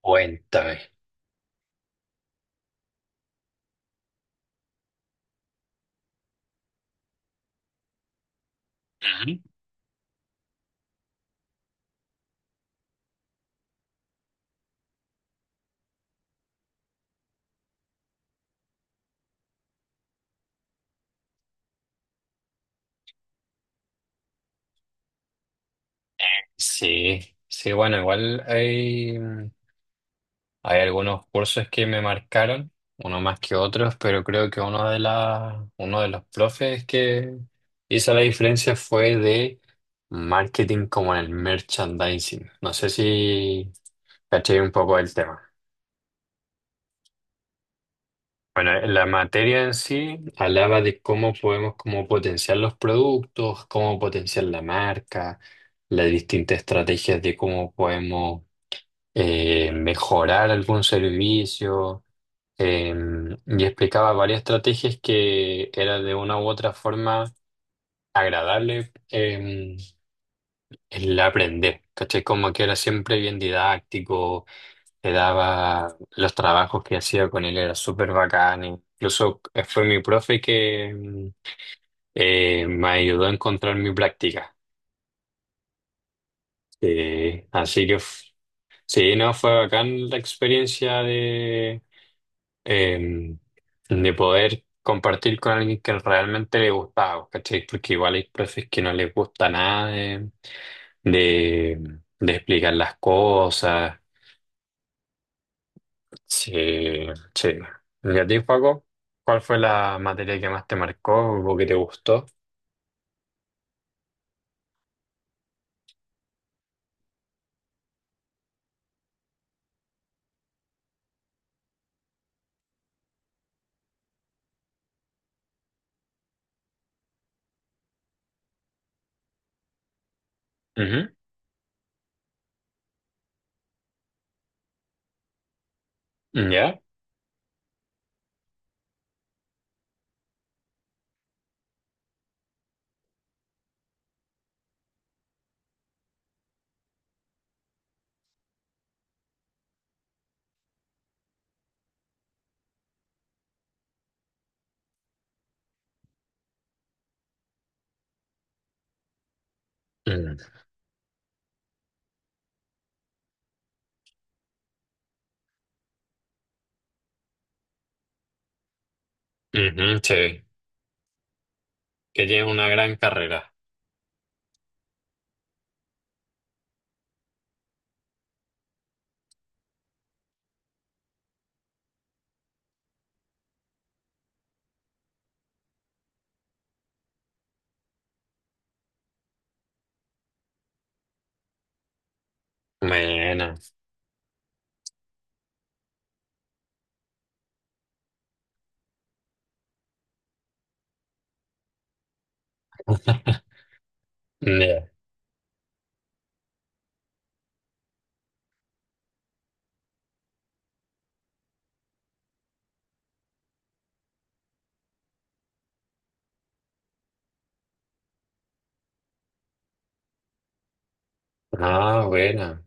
Cuéntame. Ujú. Sí, sí, bueno, igual hay, hay algunos cursos que me marcaron, uno más que otros, pero creo que uno de los profes que hizo la diferencia fue de marketing como en el merchandising. No sé si caché un poco el tema. Bueno, la materia en sí hablaba de cómo podemos como potenciar los productos, cómo potenciar la marca, las distintas estrategias de cómo podemos mejorar algún servicio, y explicaba varias estrategias que era de una u otra forma agradable em, el aprender, ¿cachai? Como que era siempre bien didáctico, te daba los trabajos que hacía con él, era súper bacán, incluso fue mi profe que me ayudó a encontrar mi práctica. Eh, así que f- sí, no, fue bacán la experiencia eh, de poder compartir con alguien que realmente le gustaba, ¿cachai? Porque igual hay profes que no les gusta nada de, de explicar las cosas. Sí, sí. ¿Y a ti, Paco? ¿Cuál fue la materia que más te marcó o que te gustó? Ujú, ¿ya? Mm, ujú, sí. Que tienes una gran carrera. Buena. Ya. Ah, buena.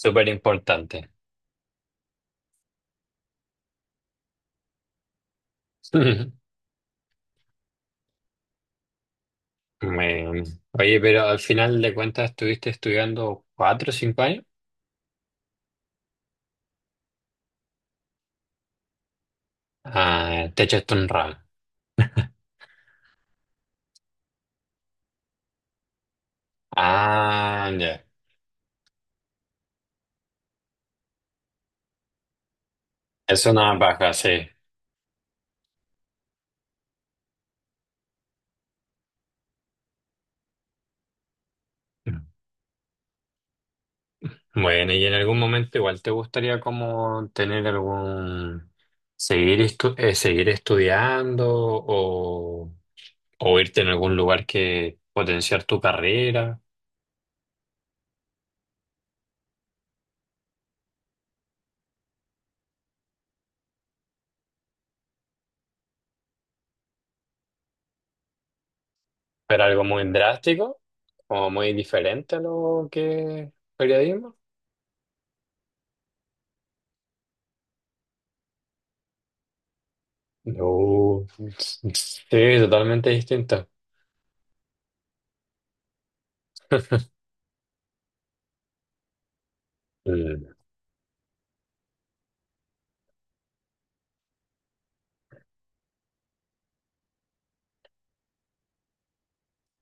Súper importante. Bueno, oye, pero al final de cuentas estuviste estudiando cuatro o cinco años. Ah, te echaste un ramo. Ah, ya. Es una baja, sí. Bueno, y en algún momento igual te gustaría como tener algún, seguir estudiando o irte en algún lugar que potenciar tu carrera, pero algo muy drástico o muy diferente a lo que es periodismo. No, sí, totalmente distinta. Mm,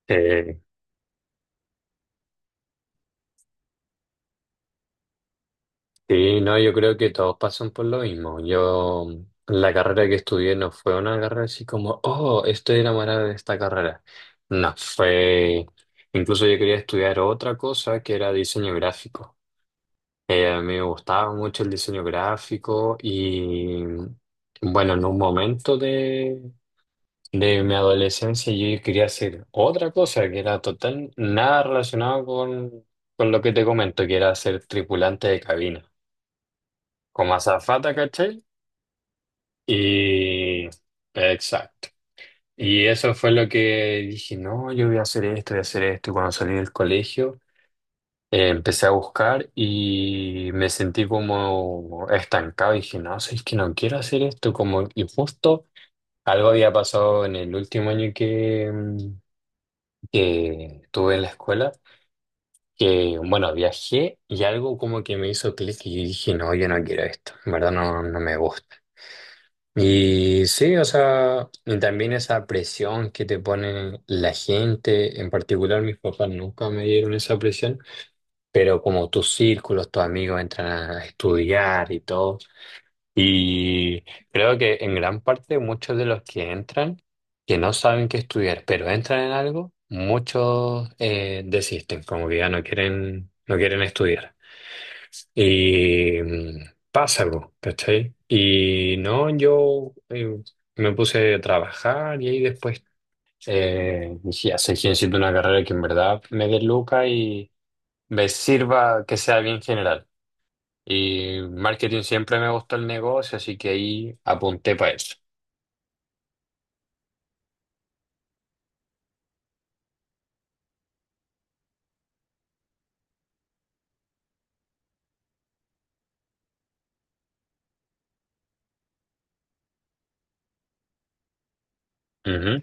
eh, sí, no, yo creo que todos pasan por lo mismo. Yo, la carrera que estudié no fue una carrera así como, oh, estoy enamorada de esta carrera. No, fue, incluso yo quería estudiar otra cosa que era diseño gráfico. A mí me gustaba mucho el diseño gráfico y, bueno, en un momento de mi adolescencia yo quería hacer otra cosa que era total, nada relacionado con lo que te comento, que era ser tripulante de cabina, como azafata, ¿cachai? Y... exacto. Y eso fue lo que dije, no, yo voy a hacer esto, voy a hacer esto. Y cuando salí del colegio, empecé a buscar y me sentí como estancado. Y dije, no, es que no quiero hacer esto. Como, y justo algo había pasado en el último año que... que tuve en la escuela, que bueno, viajé y algo como que me hizo clic y dije, no, yo no quiero esto, en verdad no, no me gusta. Y sí, o sea, y también esa presión que te pone la gente, en particular mis papás nunca me dieron esa presión, pero como tus círculos, tus amigos entran a estudiar y todo. Y creo que en gran parte muchos de los que entran, que no saben qué estudiar, pero entran en algo, muchos desisten, como que ya no quieren, no quieren estudiar. Y pasa algo, ¿cachai? Y no, yo me puse a trabajar y ahí después dije, así que necesito una carrera que en verdad me dé lucas y me sirva que sea bien general. Y marketing siempre me gustó el negocio, así que ahí apunté para eso. Ujú,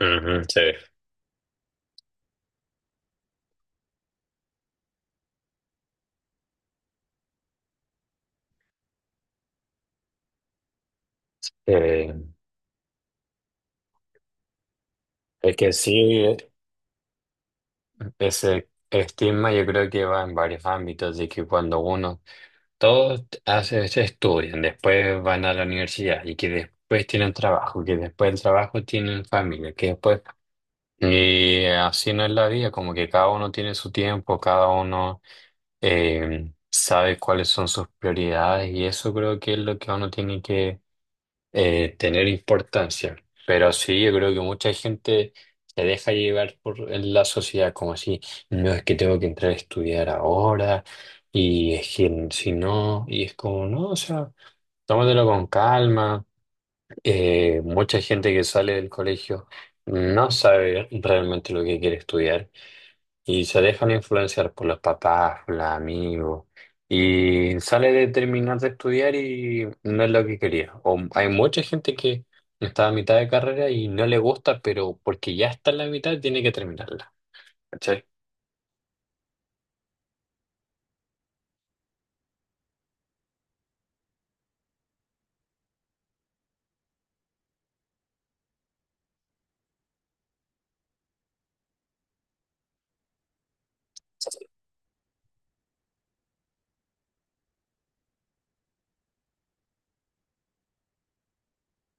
ujú, sí. Eh, es que sí, ese estigma yo creo que va en varios ámbitos, de que cuando uno, todos hace, se estudian, después van a la universidad y que después tienen trabajo, que después del trabajo tienen familia, que después... y así no es la vida, como que cada uno tiene su tiempo, cada uno sabe cuáles son sus prioridades y eso creo que es lo que uno tiene que tener importancia. Pero sí, yo creo que mucha gente se deja llevar por la sociedad, como así, no es que tengo que entrar a estudiar ahora, y es que si no, y es como, no, o sea, tómatelo con calma. Mucha gente que sale del colegio no sabe realmente lo que quiere estudiar. Y se dejan influenciar por los papás, por los amigos. Y sale de terminar de estudiar y no es lo que quería. O hay mucha gente que está a mitad de carrera y no le gusta, pero porque ya está en la mitad tiene que terminarla. ¿Cachai?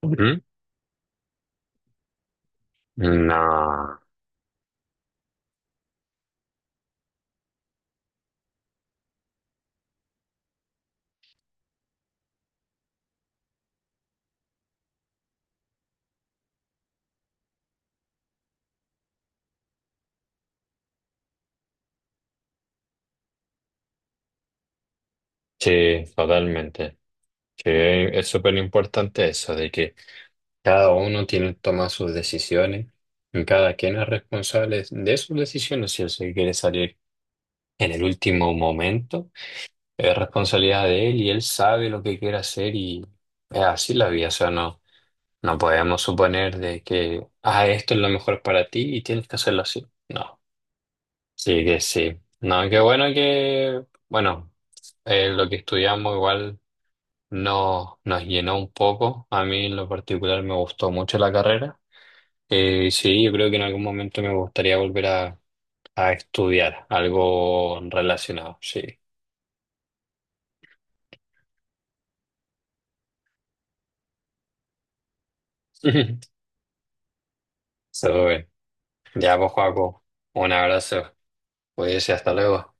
¿Mm? No, sí, totalmente. Sí, es súper importante eso, de que cada uno tiene que tomar sus decisiones y cada quien es responsable de sus decisiones. Si él se quiere salir en el último momento. Es responsabilidad de él y él sabe lo que quiere hacer y es así la vida. O sea, no, no podemos suponer de que, ah, esto es lo mejor para ti y tienes que hacerlo así. No, sí que sí. No, qué bueno que, bueno, lo que estudiamos igual no, nos llenó un poco. A mí en lo particular me gustó mucho la carrera. Sí, yo creo que en algún momento me gustaría volver a estudiar algo relacionado, sí. Súper. Ya, pues, Joaco, un abrazo. Pues, y hasta luego.